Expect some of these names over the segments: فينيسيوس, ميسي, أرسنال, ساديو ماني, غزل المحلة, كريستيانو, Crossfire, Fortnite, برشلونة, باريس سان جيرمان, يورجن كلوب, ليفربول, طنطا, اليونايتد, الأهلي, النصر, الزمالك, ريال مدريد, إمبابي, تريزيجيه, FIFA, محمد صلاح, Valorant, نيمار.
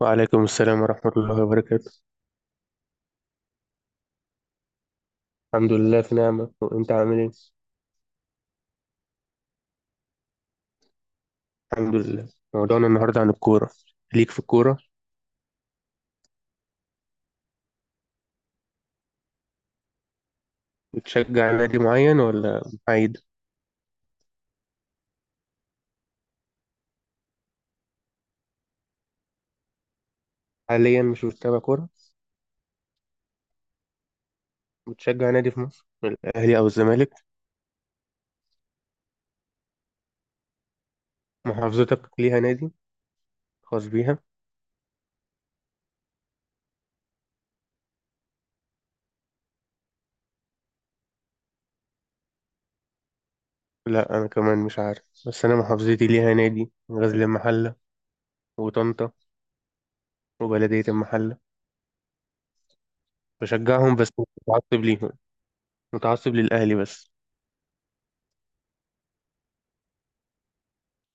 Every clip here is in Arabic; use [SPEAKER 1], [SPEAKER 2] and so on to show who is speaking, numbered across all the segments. [SPEAKER 1] وعليكم السلام ورحمة الله وبركاته. الحمد لله في نعمة، وأنت عامل إيه؟ الحمد لله. موضوعنا النهاردة عن الكورة. ليك في الكورة؟ بتشجع نادي معين ولا محايد؟ حاليا مش بتتابع كورة؟ بتشجع نادي في مصر، الأهلي أو الزمالك؟ محافظتك ليها نادي خاص بيها؟ لا، أنا كمان مش عارف، بس أنا محافظتي ليها نادي غزل المحلة وطنطا وبلدية المحلة. بشجعهم بس مش متعصب ليهم، متعصب للأهلي بس.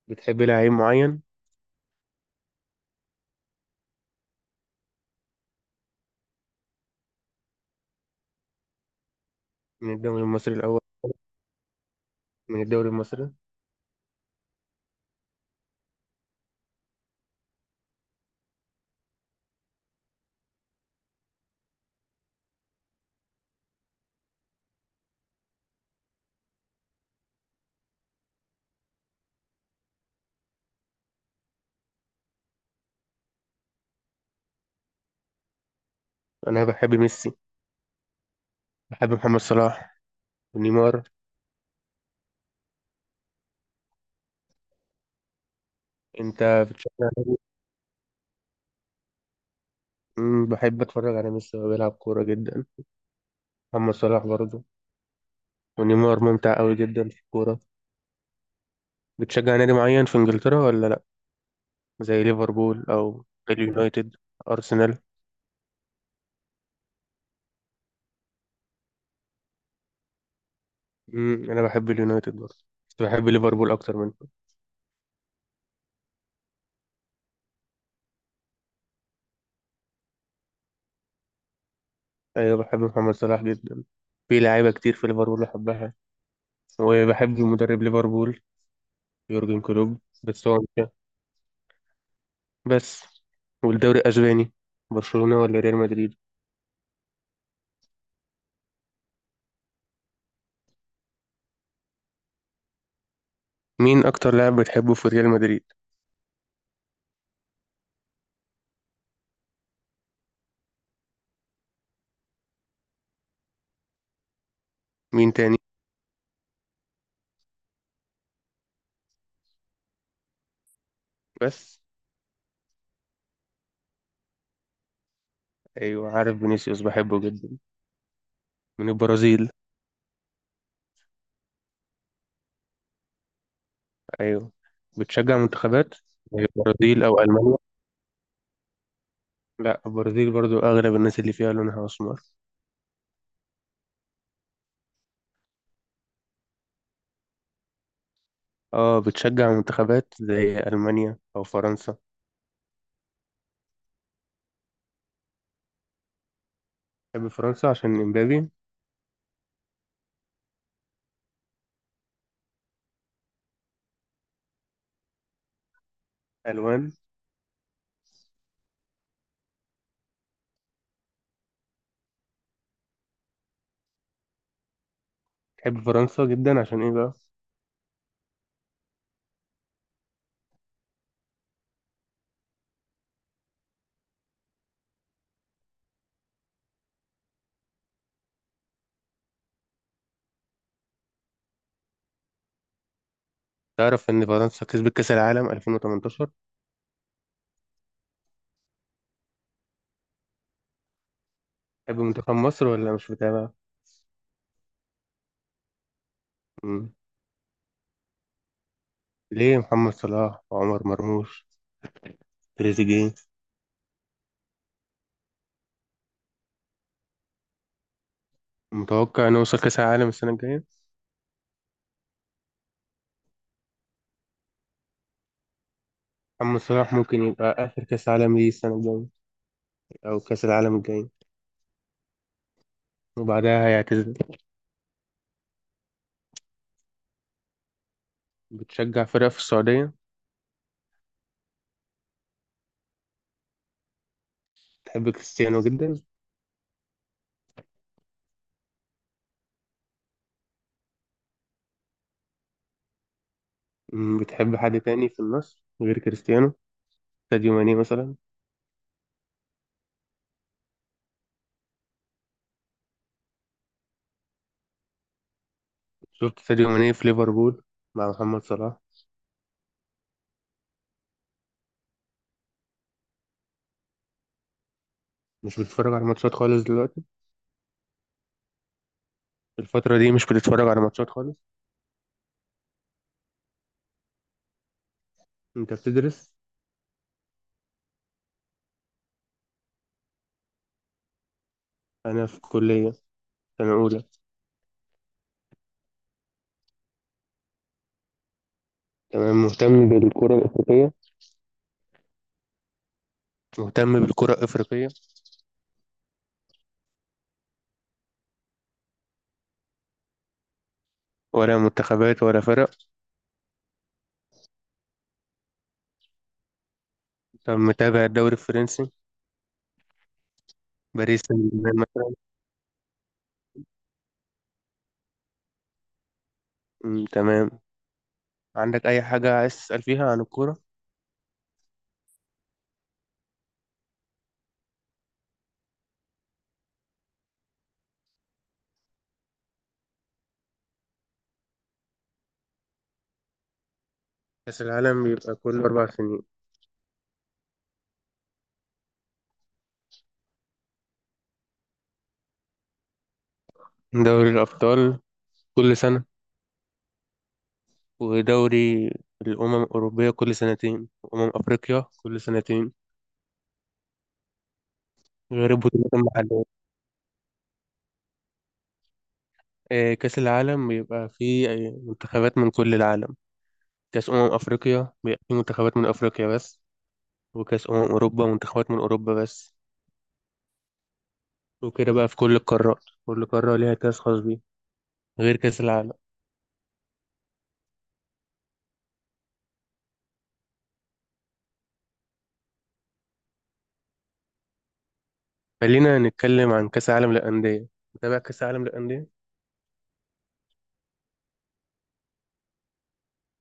[SPEAKER 1] بتحب لعيب معين؟ من الدوري المصري الأول، من الدوري المصري؟ انا بحب ميسي، بحب محمد صلاح ونيمار. انت بتشجع مين؟ بحب اتفرج على ميسي وهو بيلعب كوره جدا، محمد صلاح برضه، ونيمار ممتع قوي جدا في الكوره. بتشجع نادي معين في انجلترا ولا لا؟ زي ليفربول او اليونايتد، ارسنال؟ انا بحب اليونايتد برضه، بس بحب ليفربول اكتر منه. ايوه بحب محمد صلاح جدا، في لعيبه كتير في ليفربول بحبها، وبحب مدرب ليفربول يورجن كلوب. بس هو بس والدوري الأسباني، برشلونة ولا ريال مدريد؟ مين أكتر لاعب بتحبه في ريال مدريد؟ مين تاني؟ بس؟ أيوة عارف فينيسيوس، بحبه جدا. من البرازيل؟ أيوة. بتشجع منتخبات زي البرازيل أو ألمانيا؟ لا، البرازيل برضو أغلب الناس اللي فيها لونها أسمر. اه، بتشجع منتخبات زي ألمانيا أو فرنسا؟ تحب فرنسا عشان إمبابي؟ ألوان؟ تحب فرنسا جدا عشان إيه بقى؟ تعرف إن فرنسا كسبت كأس العالم 2018؟ تحب منتخب مصر ولا مش متابع؟ ليه محمد صلاح وعمر مرموش، تريزيجيه. متوقع انه يوصل كاس العالم السنه الجايه؟ محمد صلاح ممكن يبقى اخر كاس عالم ليه السنه الجايه او كاس العالم الجاي وبعدها هيعتزل. بتشجع فرقه في السعوديه؟ بتحب كريستيانو جدا؟ بتحب حد تاني في النصر غير كريستيانو؟ ساديو ماني مثلا؟ شفت ساديو ماني في ليفربول مع محمد صلاح؟ مش بتتفرج على ماتشات خالص دلوقتي؟ الفتره دي مش بتتفرج على ماتشات خالص؟ انت بتدرس؟ انا في كليه سنه اولى. تمام. مهتم بالكره الافريقيه؟ مهتم بالكرة الأفريقية؟ ولا منتخبات ولا فرق؟ طب متابع الدوري الفرنسي؟ باريس سان جيرمان مثلاً؟ تمام. عندك أي حاجة عايز تسأل فيها عن الكورة؟ كأس العالم بيبقى كل 4 سنين. دوري الأبطال كل سنة، ودوري الأمم الأوروبية كل سنتين، وأمم أفريقيا كل سنتين. غير البطولات المحلية. كأس العالم بيبقى فيه منتخبات من كل العالم. كأس أمم أفريقيا بيبقى فيه منتخبات من أفريقيا بس، وكأس أمم أوروبا منتخبات من أوروبا بس. وكده بقى في كل القارات، كل قارة ليها كاس خاص بيه غير كاس العالم. خلينا نتكلم عن كاس العالم للأندية. متابع كاس العالم للأندية؟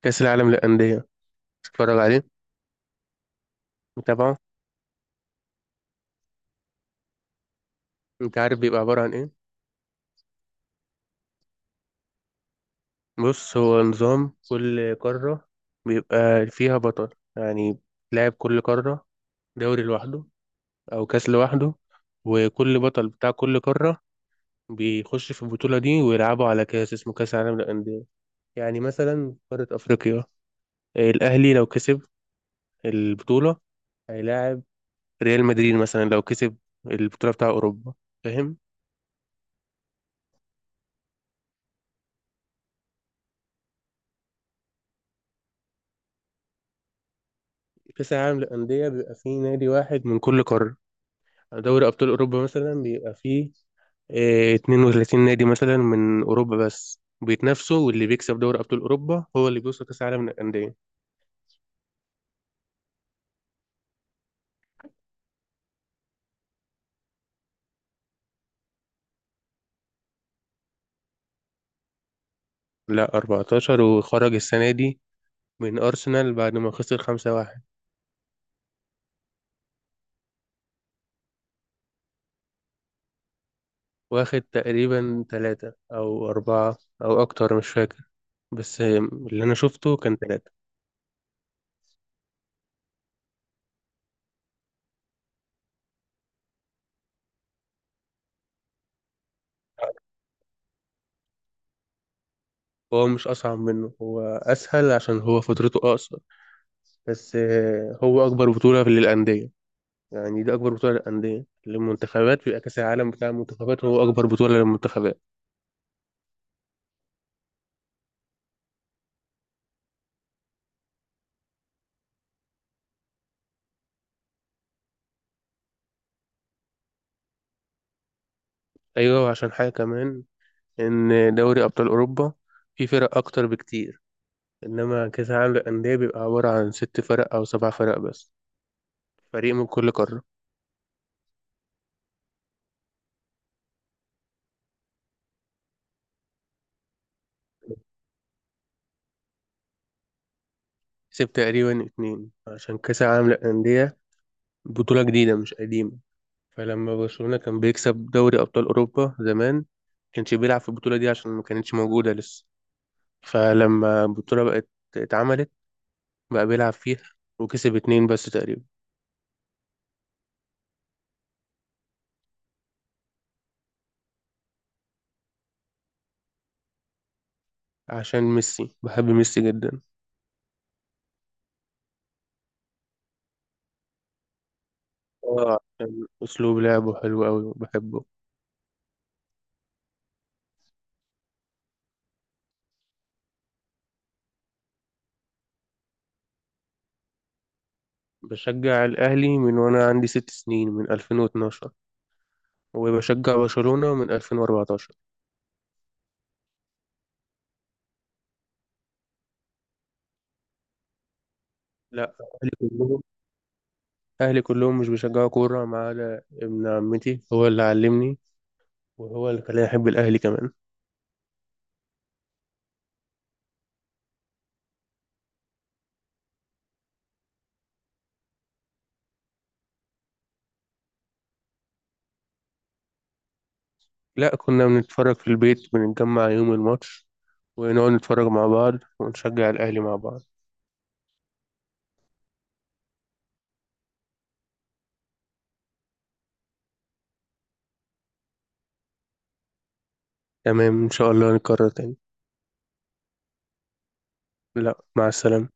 [SPEAKER 1] كاس العالم للأندية، تتفرج عليه؟ متابعه؟ انت عارف بيبقى عبارة عن ايه؟ بص، هو نظام كل قارة بيبقى فيها بطل، يعني لاعب كل قارة دوري لوحده أو كاس لوحده، وكل بطل بتاع كل قارة بيخش في البطولة دي ويلعبوا على كاس اسمه كاس العالم للأندية. يعني مثلا قارة أفريقيا، الأهلي لو كسب البطولة هيلاعب ريال مدريد مثلا لو كسب البطولة بتاع أوروبا. فاهم؟ كأس العالم للأندية بيبقى فيه نادي واحد من كل قارة. دوري أبطال أوروبا مثلا بيبقى فيه 32 نادي مثلا من أوروبا بس بيتنافسوا، واللي بيكسب دوري أبطال أوروبا هو اللي بيوصل كأس العالم للأندية. لا، 14، وخرج السنة دي من أرسنال بعد ما خسر 5-1. واخد تقريبا ثلاثة أو أربعة أو أكتر مش فاكر، بس اللي أنا شفته كان ثلاثة. هو مش أصعب منه، هو أسهل عشان هو فترته أقصر، بس هو أكبر بطولة للأندية. يعني دي أكبر بطولة للأندية، للمنتخبات بيبقى كأس العالم بتاع المنتخبات هو أكبر بطولة للمنتخبات. أيوة، وعشان حاجة كمان، إن دوري أبطال أوروبا فيه فرق أكتر بكتير، إنما كأس العالم للأندية بيبقى عبارة عن 6 فرق أو 7 فرق بس، فريق من كل قارة. كسب تقريبا اتنين، عشان كأس العالم للأندية بطولة جديدة مش قديمة، فلما برشلونة كان بيكسب دوري أبطال أوروبا زمان كانش بيلعب في البطولة دي عشان ما كانتش موجودة لسه، فلما البطولة بقت اتعملت بقى بيلعب فيها، وكسب اتنين بس تقريبا. عشان ميسي، بحب ميسي جدا. اه، عشان أسلوب لعبه حلو أوي وبحبه. بشجع الأهلي من وأنا عندي 6 سنين، من 2012، وبشجع برشلونة من 2014. لا، أهلي كلهم أهلي كلهم مش بيشجعوا كورة ما عدا ابن عمتي، هو اللي علمني وهو اللي خلاني أحب الأهلي كمان. لا، كنا بنتفرج في البيت، بنتجمع يوم الماتش ونقعد نتفرج مع بعض ونشجع الأهلي مع بعض. تمام إن شاء الله نكرر تاني. لا، مع السلامة.